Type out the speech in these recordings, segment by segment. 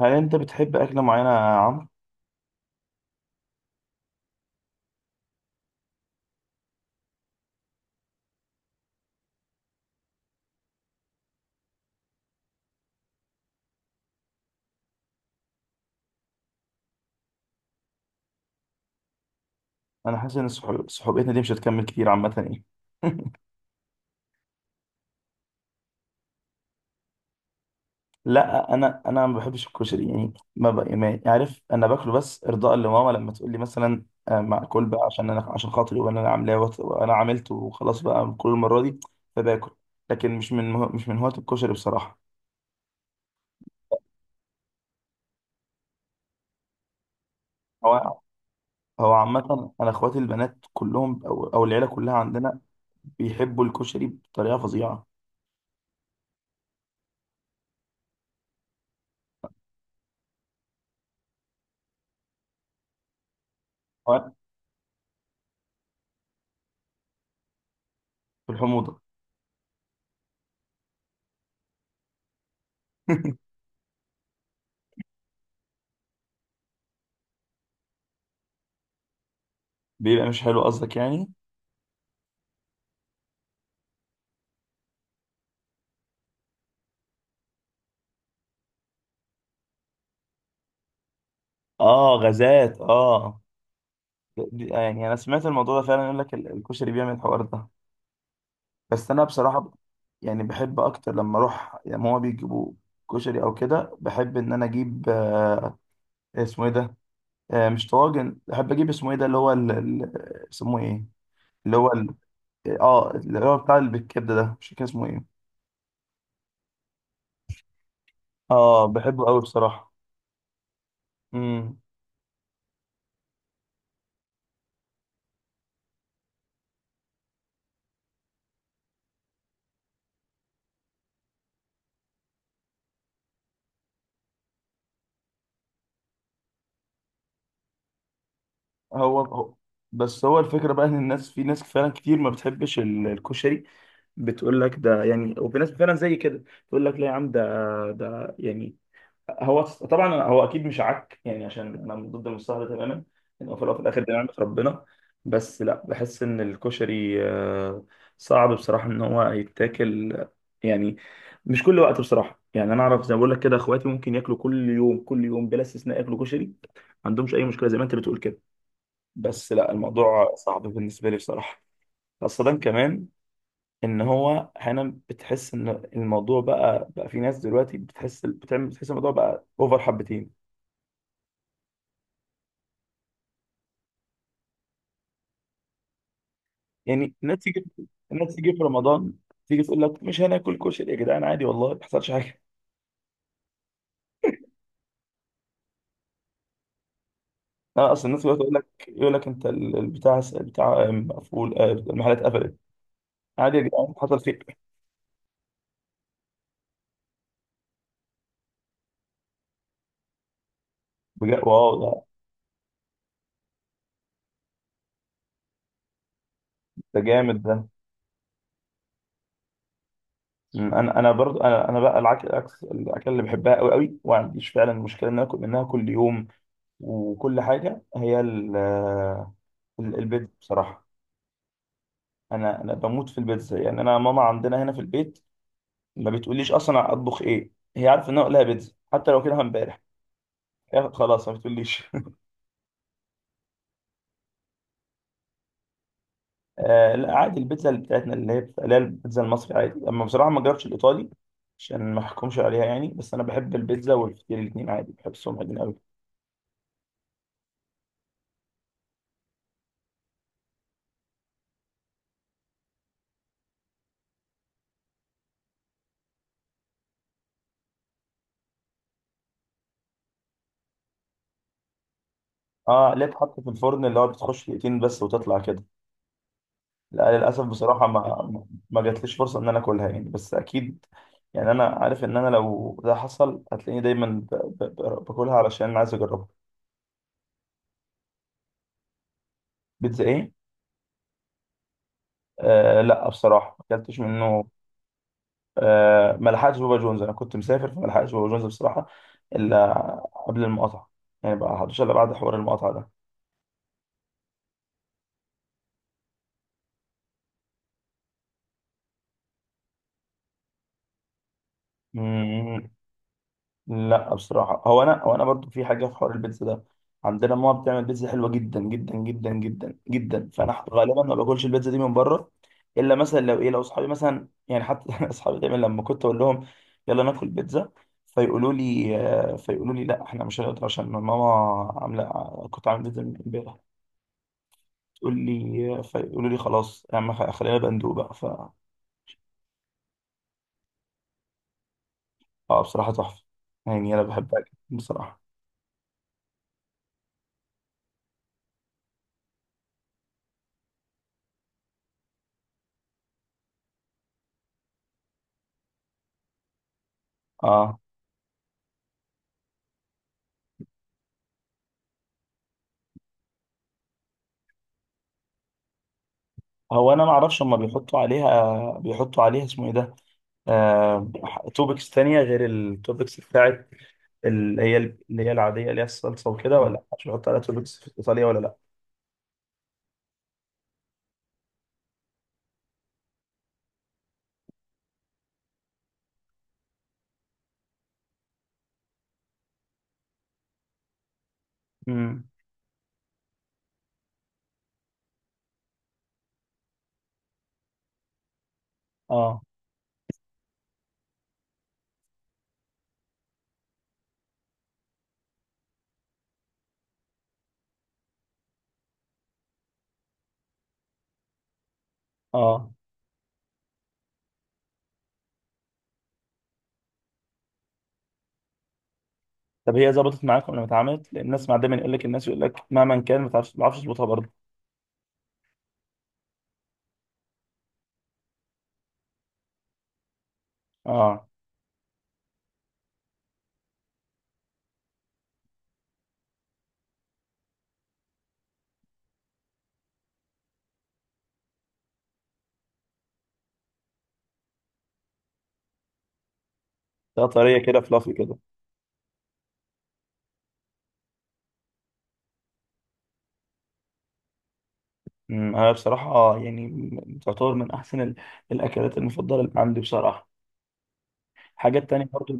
هل انت بتحب اكله معينه يا عمرو؟ انا حاسس ان صحوبيتنا دي مش هتكمل كتير عامه يعني. لا انا ما بحبش الكشري يعني ما عارف انا باكله بس ارضاء لماما لما تقول لي مثلا آه، معقول بقى عشان انا عشان خاطري وانا اللي عاملاه وانا عملته وخلاص بقى كل المره دي. فباكل. لكن مش من مش من هواة الكشري بصراحه. هو هو عامه انا اخواتي البنات كلهم او العيله كلها عندنا بيحبوا الكشري بطريقه فظيعه. هو في الحموضه. بيبقى مش حلو قصدك يعني. اه غازات اه. يعني انا سمعت الموضوع ده فعلا، يقول لك الكشري بيعمل الحوار ده. بس انا بصراحه يعني بحب اكتر لما اروح لما هو بيجيبوا كشري او كده، بحب ان انا اجيب آه، اسمه ايه ده؟ آه مش طواجن، بحب اجيب اسمه ايه ده اللي هو اسمه ايه؟ اللي هو اه اللي هو بتاع اللي بالكبده ده، مش فاكر اسمه ايه. اه بحبه قوي بصراحه. امم. هو هو- بس هو الفكره بقى ان الناس، في ناس فعلا كتير ما بتحبش الكشري، بتقول لك ده يعني، وفي ناس فعلا زي كده تقول لك لا يا عم ده، ده يعني. هو طبعا هو اكيد مش عك يعني، عشان انا من ضد المصطلح ده تماما، ان هو في الأول وفي الاخر دي نعمه ربنا. بس لا بحس ان الكشري آه، صعب بصراحه ان هو يتاكل آه، يعني مش كل وقت بصراحه. يعني انا اعرف زي ما بقول لك كده، اخواتي ممكن ياكلوا كل يوم كل يوم بلا استثناء ياكلوا كشري، ما عندهمش اي مشكله زي ما انت بتقول كده. بس لا الموضوع صعب بالنسبه لي بصراحه. خاصه كمان ان هو احيانا بتحس ان الموضوع بقى في ناس دلوقتي بتحس بتعمل بتحس الموضوع بقى اوفر حبتين. يعني الناس تيجي في رمضان تيجي تقول لك مش هناكل كشري يا جدعان، عادي والله ما بيحصلش حاجه. لا اصل الناس دلوقتي تقول لك يقول لك انت البتاع مقفول آه، المحلات قفلت. عادي يا جدعان حصل خير. بجد واو ده، ده جامد ده. انا برضو انا بقى العكس، الاكل اللي بحبها قوي قوي وما عنديش فعلا مشكله ان أنا اكل منها كل يوم وكل حاجه هي البيتزا بصراحة. أنا بموت في البيتزا، يعني أنا ماما عندنا هنا في البيت ما بتقوليش أصلا أطبخ إيه، هي عارفة إن أنا أقولها بيتزا حتى لو كده امبارح هي خلاص ما بتقوليش. آه لا عادي البيتزا اللي بتاعتنا اللي هي اللي هي البيتزا المصري عادي، أما بصراحة ما جربتش الإيطالي عشان ما أحكمش عليها يعني. بس أنا بحب البيتزا والفطير الاتنين عادي، بحبهم الاتنين أوي. أه اللي هي بتتحط في الفرن اللي هو بتخش دقيقتين بس وتطلع كده. لا للاسف بصراحه ما جاتليش فرصه ان انا اكلها يعني، بس اكيد يعني انا عارف ان انا لو ده حصل هتلاقيني دايما باكلها علشان انا عايز اجربها. بيتزا ايه؟ آه لا بصراحه ما اكلتش منه. آه ما لحقتش بابا جونز، انا كنت مسافر فما لحقتش بابا جونز بصراحه. الا قبل المقاطعه. يعني بقى حدش الا بعد حوار المقاطعه ده. لا بصراحة هو أنا هو أنا برضو في حاجة في حوار البيتزا ده، عندنا ماما بتعمل بيتزا حلوة جدا جدا جدا جدا جدا، فأنا غالبا ما باكلش البيتزا دي من بره، إلا مثلا لو إيه لو أصحابي مثلا يعني. حتى أصحابي دايما لما كنت أقول لهم يلا ناكل بيتزا، فيقولوا لي آه، فيقولوا لي لا إحنا مش هنقدر عشان ماما عاملة كنت عامل بيتزا من إمبارح. تقول لي فيقولوا لي خلاص يا عم خلينا بندوب بقى ف. آه بصراحة تحفة، يعني أنا بحبها جدا بصراحة. آه هو انا ما اعرفش هم بيحطوا عليها اسمه ايه ده، آه... توبكس تانية غير التوبكس بتاعت اللي هي العادية اللي هي الصلصة وكده، ولا مش بيحطوا عليها توبكس في ايطاليا ولا لا؟ امم. اه اه. طب هي ظبطت معاكم لما اتعملت؟ لان الناس مع دايما يقول لك الناس يقول لك مهما كان ما تعرفش ما تعرفش تظبطها برضه. اه ده طريه كده فلافي كده. امم. انا بصراحه آه، تعتبر من احسن الاكلات المفضله اللي عندي بصراحه. الحاجات التانية برضو.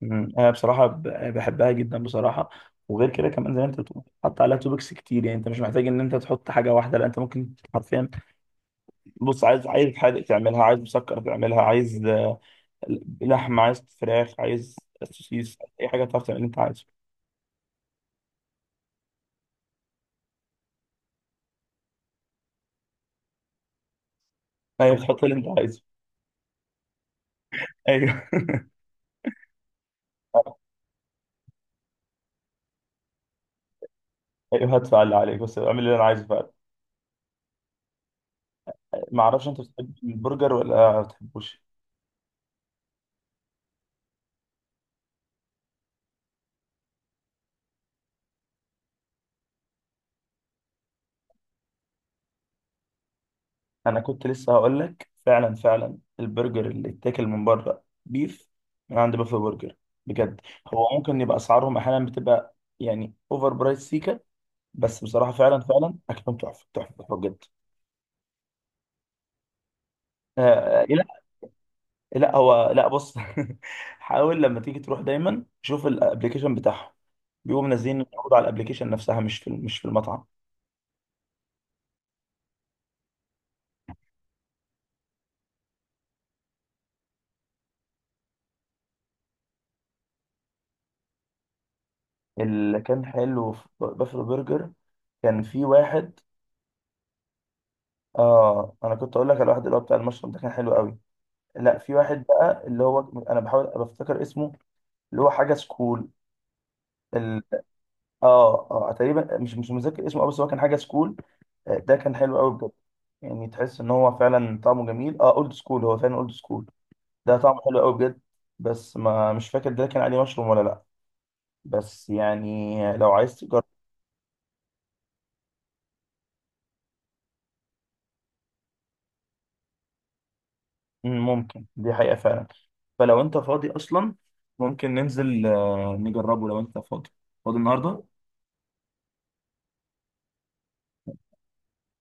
مم. انا بصراحه بحبها جدا بصراحه. وغير كده كمان زي ما انت بتقول حط عليها توبكس كتير، يعني انت مش محتاج ان انت تحط حاجه واحده، لا انت ممكن حرفيا. بص، عايز عايز حادق تعملها، عايز مسكر تعملها، عايز آه، لحمه، عايز فراخ، عايز سوسيس، اي حاجه تعرف تعمل اللي انت عايزه. ايوه تحط اللي انت عايزه. ايوه. ايوه هدفع اللي عليك بس اعمل اللي انا عايزه فعلا. ما اعرفش انت بتحب البرجر ولا ما بتحبوش؟ انا كنت لسه هقول لك، فعلا فعلا البرجر اللي اتاكل من بره بيف من عند بافلو برجر بجد. هو ممكن يبقى اسعارهم احيانا بتبقى يعني اوفر برايس سيكا، بس بصراحه فعلا فعلا اكلهم تحفه تحفه تحفه بجد. آه. آه، لا لا. هو لا بص حاول لما تيجي تروح دايما شوف الابلكيشن بتاعهم، بيبقوا منزلين العروض على الابلكيشن نفسها مش في مش في المطعم. اللي كان حلو في بافلو برجر، كان في واحد. اه انا كنت اقول لك على الواحد اللي هو بتاع المشروم ده، كان حلو قوي. لا في واحد بقى اللي هو انا بحاول بفتكر اسمه، اللي هو حاجه سكول، ال... اه اه تقريبا مش مش متذكر اسمه أوي، بس هو كان حاجه سكول آه، ده كان حلو قوي بجد. يعني تحس ان هو فعلا طعمه جميل. اه اولد سكول هو فعلا اولد سكول، ده طعمه حلو قوي بجد. بس ما مش فاكر ده كان عليه مشروم ولا لا، بس يعني لو عايز تجرب. ممكن دي حقيقه فعلا. فلو انت فاضي اصلا، ممكن ننزل آه، نجربه لو انت فاضي، فاضي النهارده.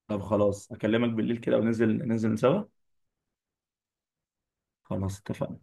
طب خلاص اكلمك بالليل كده وننزل سوا. خلاص اتفقنا.